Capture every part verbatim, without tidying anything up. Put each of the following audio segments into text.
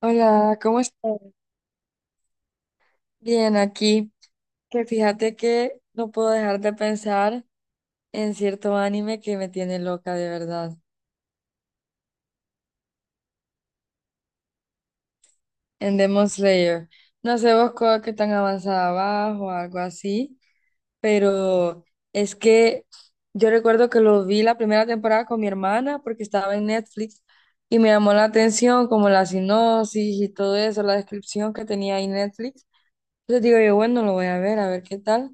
Hola, ¿cómo estás? Bien, aquí. Que fíjate que no puedo dejar de pensar en cierto anime que me tiene loca de verdad, en Demon Slayer. No sé vos co- que tan avanzada vas o algo así, pero es que yo recuerdo que lo vi la primera temporada con mi hermana porque estaba en Netflix y me llamó la atención como la sinopsis y todo eso, la descripción que tenía ahí Netflix. Entonces digo yo, bueno, lo voy a ver, a ver qué tal.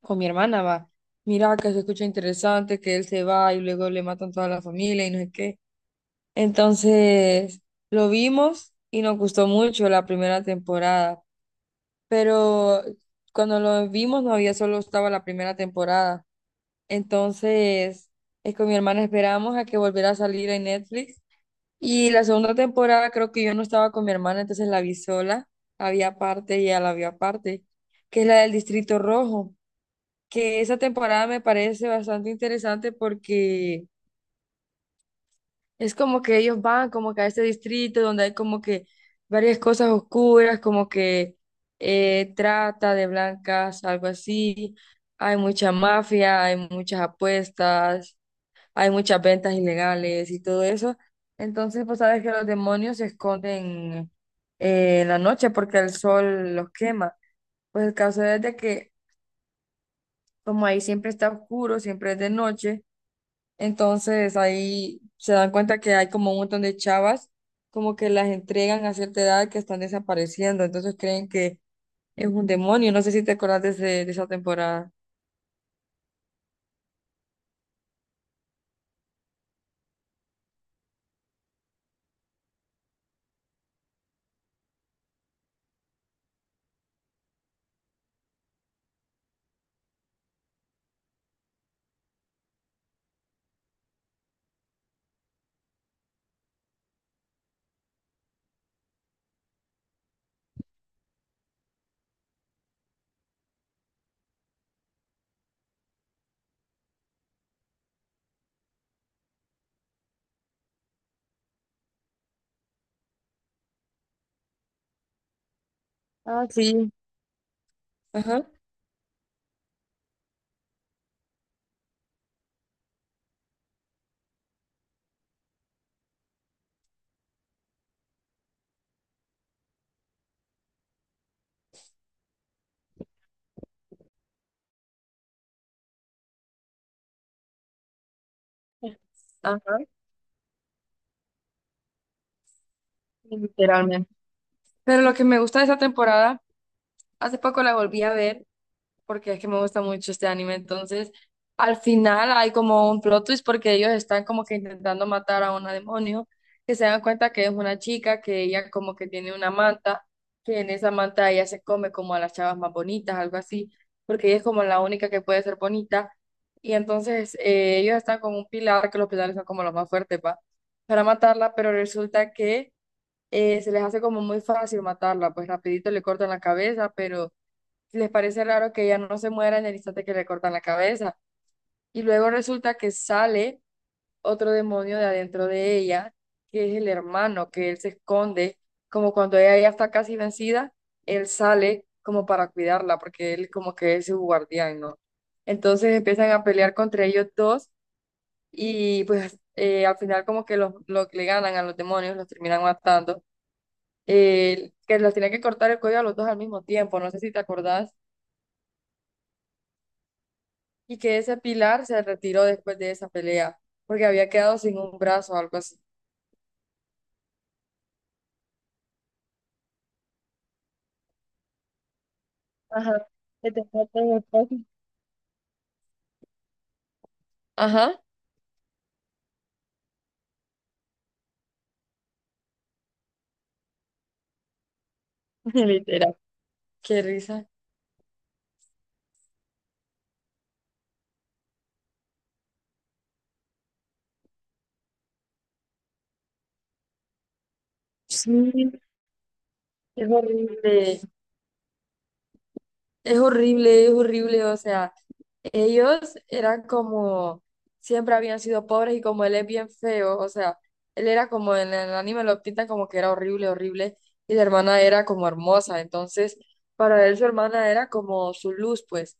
Con mi hermana va. Mira, que se escucha interesante, que él se va y luego le matan toda la familia y no sé qué. Entonces, lo vimos y nos gustó mucho la primera temporada, pero cuando lo vimos no había solo estaba la primera temporada. Entonces, es con mi hermana esperamos a que volviera a salir en Netflix. Y la segunda temporada creo que yo no estaba con mi hermana, entonces la vi sola, había parte y ella la vio aparte, que es la del Distrito Rojo, que esa temporada me parece bastante interesante porque es como que ellos van como que a este distrito donde hay como que varias cosas oscuras, como que eh, trata de blancas, algo así. Hay mucha mafia, hay muchas apuestas, hay muchas ventas ilegales y todo eso. Entonces, pues sabes que los demonios se esconden eh, en la noche porque el sol los quema. Pues el caso es de que como ahí siempre está oscuro, siempre es de noche. Entonces ahí se dan cuenta que hay como un montón de chavas, como que las entregan a cierta edad que están desapareciendo, entonces creen que es un demonio. No sé si te acordás de, ese- de esa temporada. Ah, sí. Ajá. Ajá, literalmente. Pero lo que me gusta de esa temporada, hace poco la volví a ver porque es que me gusta mucho este anime. Entonces, al final hay como un plot twist porque ellos están como que intentando matar a una demonio, que se dan cuenta que es una chica, que ella como que tiene una manta, que en esa manta ella se come como a las chavas más bonitas, algo así, porque ella es como la única que puede ser bonita. Y entonces eh, ellos están con un pilar, que los pilares son como los más fuertes, pa, para matarla, pero resulta que eh, se les hace como muy fácil matarla, pues rapidito le cortan la cabeza, pero les parece raro que ella no se muera en el instante que le cortan la cabeza. Y luego resulta que sale otro demonio de adentro de ella, que es el hermano, que él se esconde, como cuando ella ya está casi vencida, él sale como para cuidarla, porque él como que es su guardián, ¿no? Entonces empiezan a pelear contra ellos dos y pues eh, al final como que los, los le ganan a los demonios, los terminan matando. Eh, que los tenía que cortar el cuello a los dos al mismo tiempo, no sé si te acordás. Y que ese Pilar se retiró después de esa pelea, porque había quedado sin un brazo o algo así. Ajá, que te cortan el brazo. Ajá. Literal. Qué risa. Sí, es horrible. Es horrible, es horrible, o sea, ellos eran como, siempre habían sido pobres y como él es bien feo, o sea, él era como en el anime lo pintan como que era horrible, horrible, y la hermana era como hermosa, entonces para él su hermana era como su luz, pues.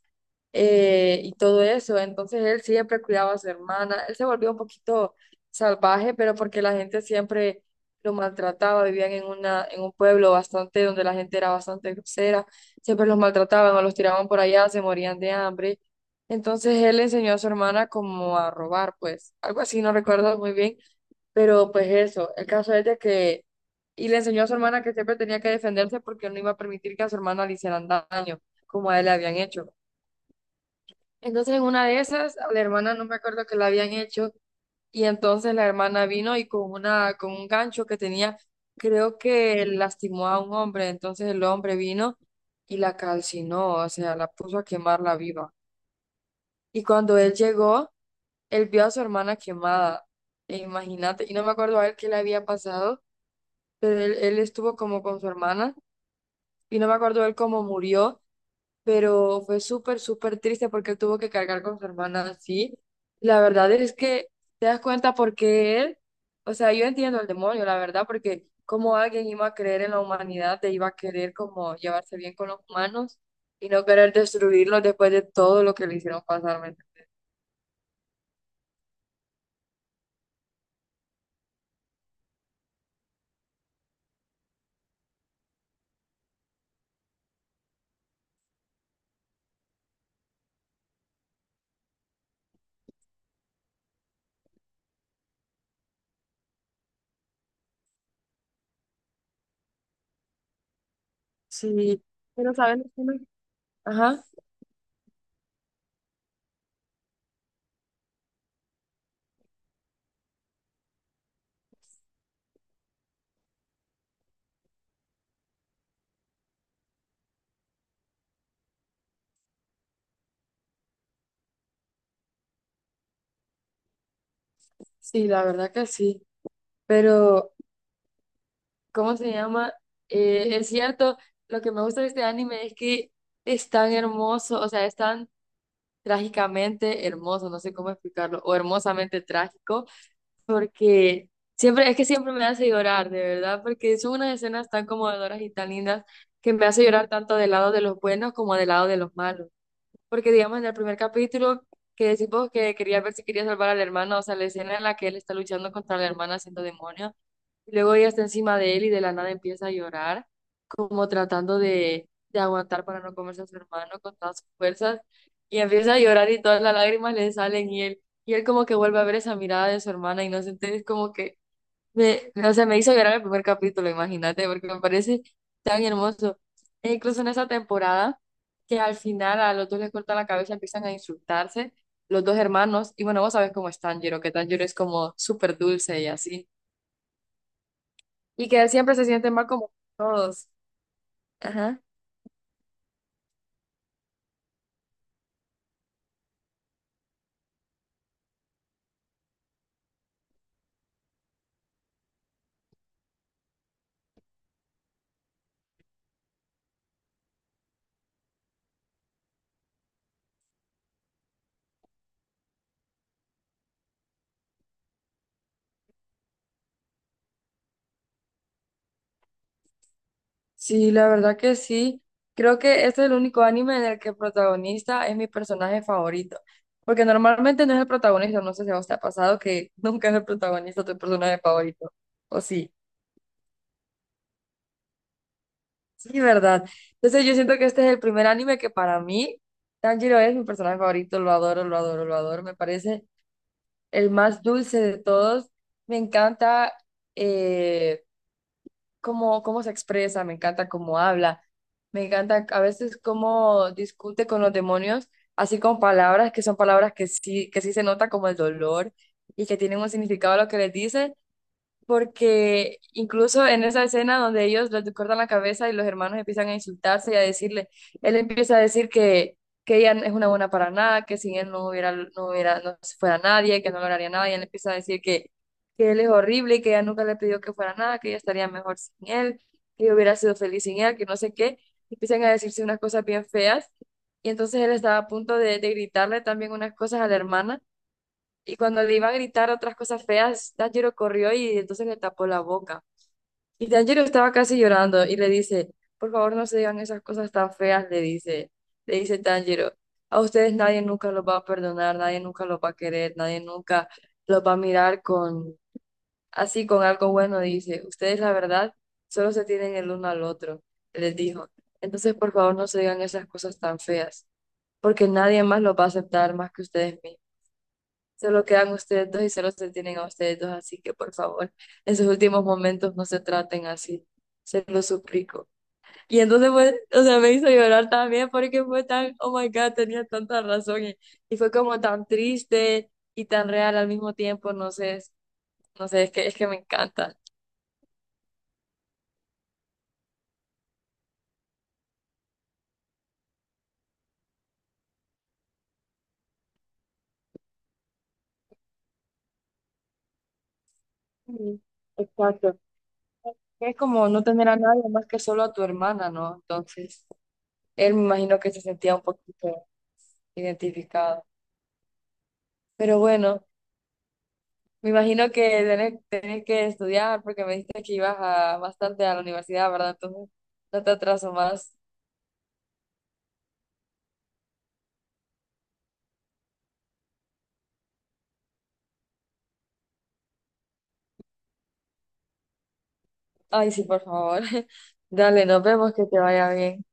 eh, Y todo eso. Entonces él siempre cuidaba a su hermana. Él se volvió un poquito salvaje, pero porque la gente siempre lo maltrataba, vivían en una, en un pueblo bastante, donde la gente era bastante grosera, siempre los maltrataban o los tiraban por allá, se morían de hambre. Entonces él enseñó a su hermana como a robar, pues, algo así, no recuerdo muy bien, pero pues eso, el caso es de que, y le enseñó a su hermana que siempre tenía que defenderse porque no iba a permitir que a su hermana le hicieran daño, como a él le habían hecho. Entonces, en una de esas, a la hermana no me acuerdo que la habían hecho, y entonces la hermana vino y con una, con un gancho que tenía, creo que lastimó a un hombre, entonces el hombre vino y la calcinó, o sea, la puso a quemarla viva. Y cuando él llegó, él vio a su hermana quemada, e imagínate, y no me acuerdo a él qué le había pasado, pero él, él estuvo como con su hermana, y no me acuerdo él cómo murió, pero fue súper, súper triste porque él tuvo que cargar con su hermana así. La verdad es que te das cuenta por qué él, o sea, yo entiendo el demonio, la verdad, porque cómo alguien iba a creer en la humanidad, te iba a querer como llevarse bien con los humanos y no querer destruirlos después de todo lo que le hicieron pasar. ¿Me entiendes? Sí, pero ¿saben? lo que me- Ajá, sí, la verdad que sí, pero ¿cómo se llama? Eh, es cierto, lo que me gusta de este anime es que es tan hermoso, o sea, es tan trágicamente hermoso, no sé cómo explicarlo, o hermosamente trágico, porque siempre, es que siempre me hace llorar, de verdad, porque son unas escenas tan conmovedoras y tan lindas que me hace llorar tanto del lado de los buenos como del lado de los malos. Porque digamos en el primer capítulo que decimos que quería ver si quería salvar al hermano, o sea, la escena en la que él está luchando contra la hermana siendo demonio y luego ella está encima de él y de la nada empieza a llorar, como tratando de, de aguantar para no comerse a su hermano con todas sus fuerzas. Y empieza a llorar y todas las lágrimas le salen y él, y él como que vuelve a ver esa mirada de su hermana inocente. Es como que, me, o sea, me hizo llorar el primer capítulo, imagínate, porque me parece tan hermoso. E incluso en esa temporada, que al final a los dos les cortan la cabeza, empiezan a insultarse los dos hermanos. Y bueno, vos sabes cómo es Tanjiro, que Tanjiro es como súper dulce y así y que él siempre se siente mal como todos. Ajá. Sí, la verdad que sí. Creo que este es el único anime en el que el protagonista es mi personaje favorito. Porque normalmente no es el protagonista, no sé si a vos te ha pasado que nunca es el protagonista tu personaje favorito. O sí, sí, ¿verdad? Entonces yo siento que este es el primer anime que para mí, Tanjiro es mi personaje favorito, lo adoro, lo adoro, lo adoro. Me parece el más dulce de todos. Me encanta eh, cómo, cómo se expresa, me encanta cómo habla, me encanta a veces cómo discute con los demonios, así con palabras que son palabras que sí, que sí se nota como el dolor y que tienen un significado a lo que les dice porque incluso en esa escena donde ellos les cortan la cabeza y los hermanos empiezan a insultarse y a decirle, él empieza a decir que, que ella es una buena para nada, que sin él no hubiera, no hubiera, no fuera nadie, que no lograría nada, y él empieza a decir que, que él es horrible y que ella nunca le pidió que fuera nada, que ella estaría mejor sin él, que ella hubiera sido feliz sin él, que no sé qué, y empiezan a decirse unas cosas bien feas, y entonces él estaba a punto de, de gritarle también unas cosas a la hermana y cuando le iba a gritar otras cosas feas, Tanjiro corrió y entonces le tapó la boca. Y Tanjiro estaba casi llorando y le dice, por favor no se digan esas cosas tan feas, le dice, le dice Tanjiro, a ustedes nadie nunca los va a perdonar, nadie nunca los va a querer, nadie nunca los va a mirar con, así con algo bueno, dice, ustedes la verdad solo se tienen el uno al otro, les dijo. Entonces por favor no se digan esas cosas tan feas, porque nadie más los va a aceptar más que ustedes mismos. Solo quedan ustedes dos y solo se tienen a ustedes dos, así que por favor, en sus últimos momentos no se traten así, se lo suplico. Y entonces fue, o sea, me hizo llorar también porque fue tan, oh my God, tenía tanta razón y, y fue como tan triste y tan real al mismo tiempo, no sé, es- no sé, es que, es que me encanta. Mm, Exacto. Es como no tener a nadie más que solo a tu hermana, ¿no? Entonces, él me imagino que se sentía un poquito identificado. Pero bueno. Me imagino que tenés, tenés que estudiar porque me dijiste que ibas a, bastante a la universidad, ¿verdad? Entonces, no te atraso más. Ay, sí, por favor. Dale, nos vemos, que te vaya bien.